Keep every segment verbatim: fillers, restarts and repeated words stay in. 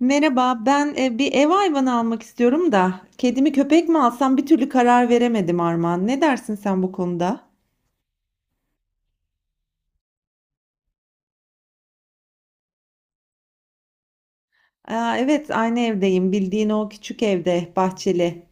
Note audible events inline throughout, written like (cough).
Merhaba, ben e, bir ev hayvanı almak istiyorum da kedimi köpek mi alsam bir türlü karar veremedim Armağan. Ne dersin sen bu konuda? Aa, evet, aynı evdeyim. Bildiğin o küçük evde, bahçeli.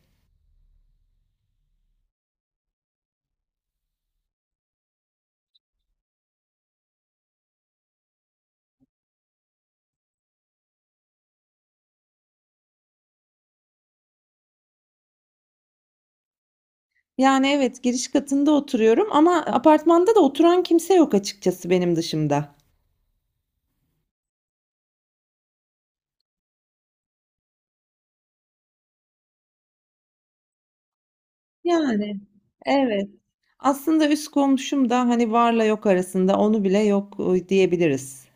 Yani evet, giriş katında oturuyorum ama apartmanda da oturan kimse yok açıkçası benim dışımda. Yani evet. Aslında üst komşum da hani varla yok arasında onu bile yok e, diyebiliriz.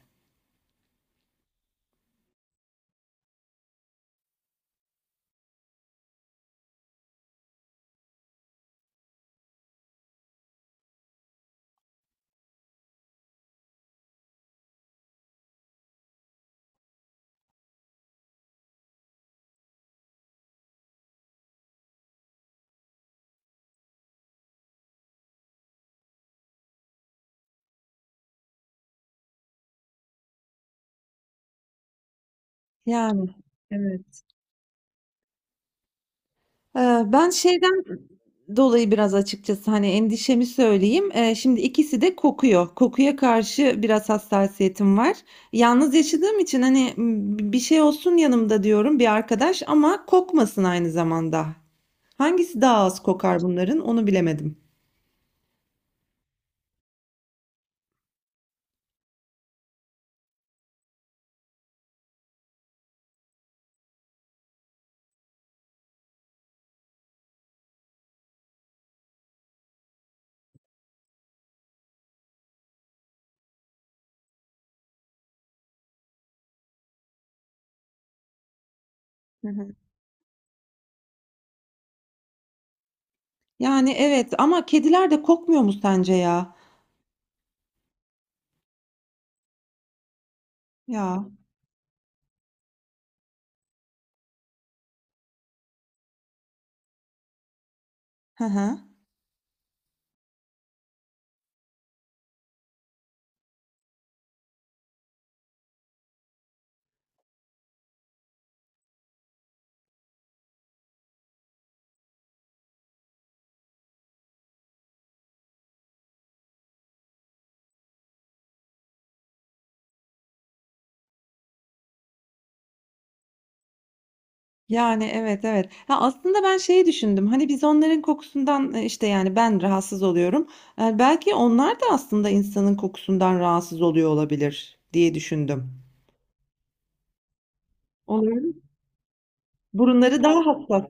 Yani evet. Eee, ben şeyden dolayı biraz açıkçası, hani, endişemi söyleyeyim. Eee, şimdi ikisi de kokuyor. Kokuya karşı biraz hassasiyetim var. Yalnız yaşadığım için, hani, ımm, "Bir şey olsun yanımda." diyorum, bir arkadaş ama kokmasın aynı zamanda. Hangisi daha az kokar bunların, onu bilemedim. Hı hı. Yani, evet ama kediler de kokmuyor mu sence ya? Ya. Hı hı. Yani, evet, evet. Ya, aslında ben şeyi düşündüm, hani, biz onların kokusundan, eee, işte, yani, ben rahatsız oluyorum. Eee, belki onlar da aslında insanın kokusundan rahatsız oluyor olabilir diye düşündüm. Onların burunları daha hassas.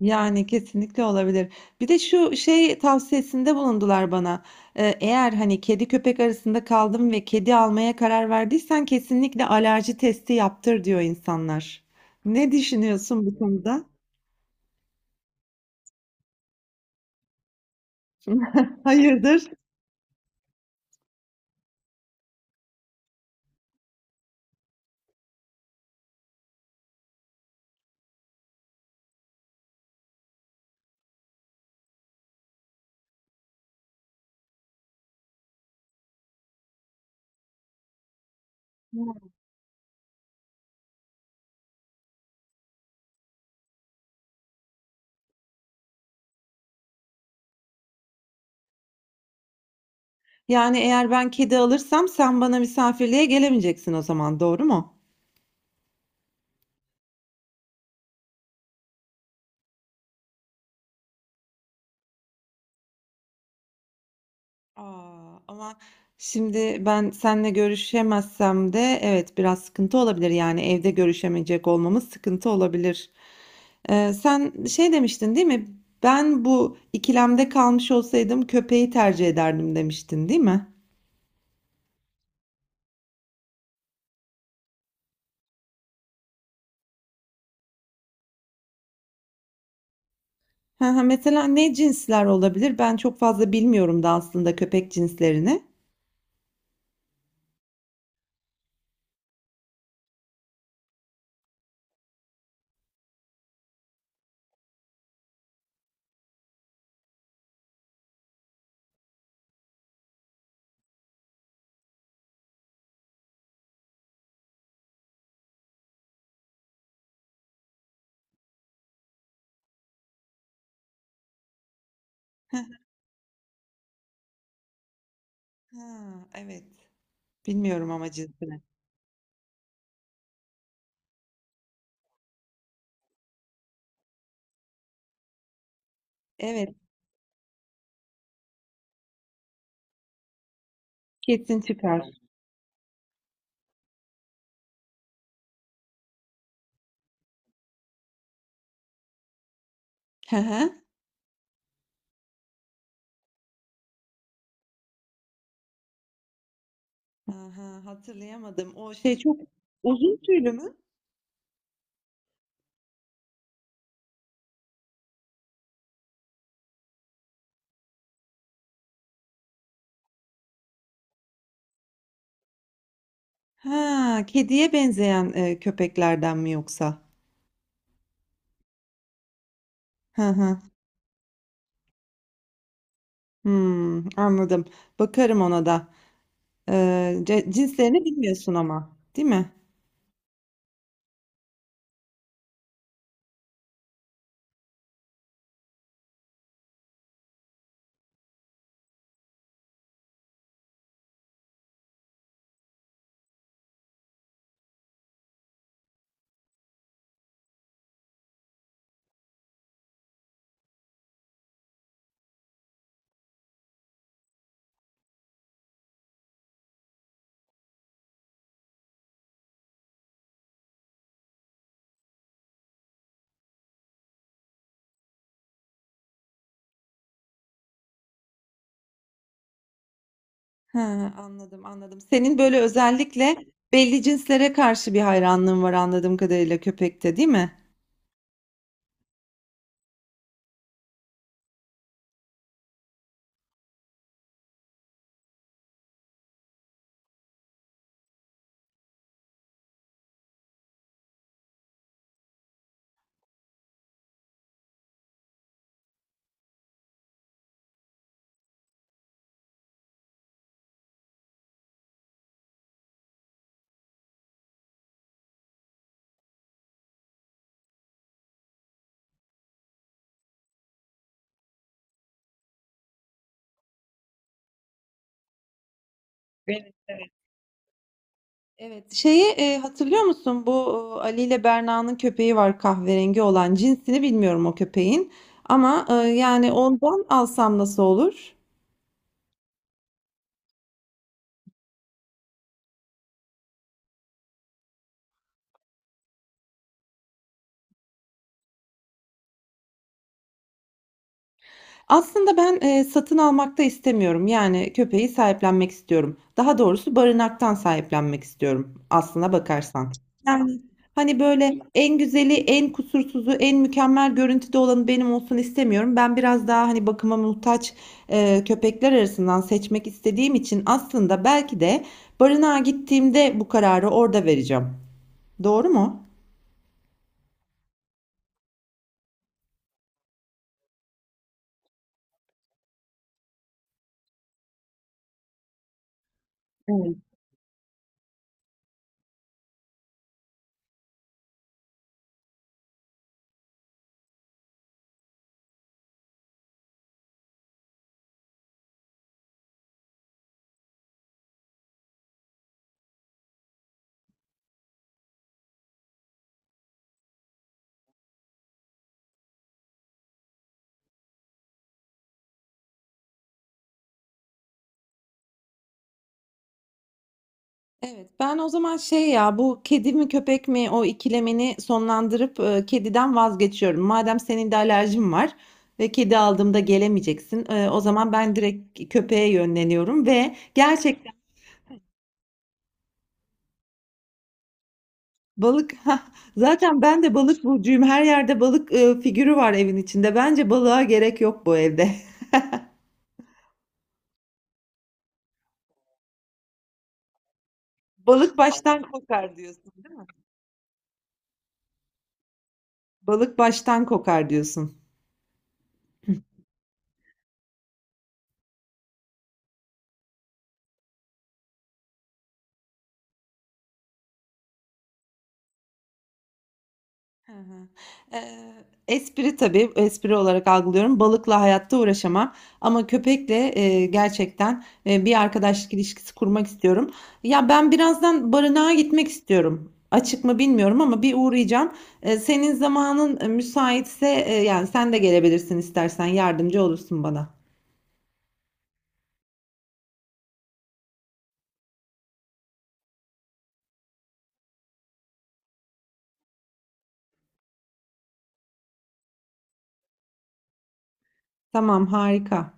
Yani, kesinlikle olabilir. Bir de şu şey tavsiyesinde bulundular bana. Eee, eğer, hani, kedi köpek arasında kaldım ve kedi almaya karar verdiysen kesinlikle alerji testi yaptır diyor insanlar. Ne düşünüyorsun bu konuda? (laughs) Hayırdır? Yani, eğer ben kedi alırsam sen bana misafirliğe gelemeyeceksin o zaman, doğru mu? Aa, ama şimdi ben seninle görüşemezsem de evet, biraz sıkıntı olabilir. Yani, evde görüşemeyecek olmamız sıkıntı olabilir. Eee, sen şey demiştin, değil mi? Ben bu ikilemde kalmış olsaydım köpeği tercih ederdim demiştin, değil mi? Hı hı. Mesela ne cinsler olabilir? Ben çok fazla bilmiyorum da aslında köpek cinslerini. Hı hı, evet. Bilmiyorum ama cinsini. Evet, kesin çıkar. Hı hı. Aha, hatırlayamadım. O şey çok uzun tüylü mü? Ha, kediye benzeyen e, köpeklerden mi yoksa? Hı hı. Hmm, anladım. Bakarım ona da. Ee, ce- cinslerini bilmiyorsun ama, değil mi? Ha, anladım, anladım. Senin böyle özellikle belli cinslere karşı bir hayranlığın var anladığım kadarıyla köpekte, değil mi? Evet, evet. Evet. Şeyi e, hatırlıyor musun? Bu e, Ali ile Berna'nın köpeği var kahverengi olan. Cinsini bilmiyorum o köpeğin. Ama e, yani ondan alsam nasıl olur? Aslında ben, eee, satın almak da istemiyorum. Yani köpeği sahiplenmek istiyorum. Daha doğrusu barınaktan sahiplenmek istiyorum aslına bakarsan. Yani, hani, böyle, en güzeli, en kusursuzu, en mükemmel görüntüde olanı benim olsun istemiyorum. Ben biraz daha, hani, bakıma muhtaç, eee, köpekler arasından seçmek istediğim için aslında belki de barınağa gittiğimde bu kararı orada vereceğim. Doğru mu? Evet, ben o zaman şey ya bu kedi mi köpek mi o ikilemini sonlandırıp e, kediden vazgeçiyorum. Madem senin de alerjin var ve kedi aldığımda gelemeyeceksin. E, o zaman ben direkt köpeğe yönleniyorum ve gerçekten balık (laughs) zaten ben de balık burcuyum. Her yerde balık e, figürü var evin içinde. Bence balığa gerek yok bu evde. (laughs) Balık baştan kokar diyorsun, değil mi? Balık baştan kokar diyorsun. Hı hı. Eee, espri tabii, espri olarak algılıyorum. Balıkla hayatta uğraşamam ama köpekle eee, gerçekten eee, bir arkadaşlık ilişkisi kurmak istiyorum. Ya ben birazdan barınağa gitmek istiyorum. Açık mı bilmiyorum ama bir uğrayacağım. Eee, senin zamanın e, müsaitse e, yani sen de gelebilirsin istersen yardımcı olursun bana. Tamam, harika.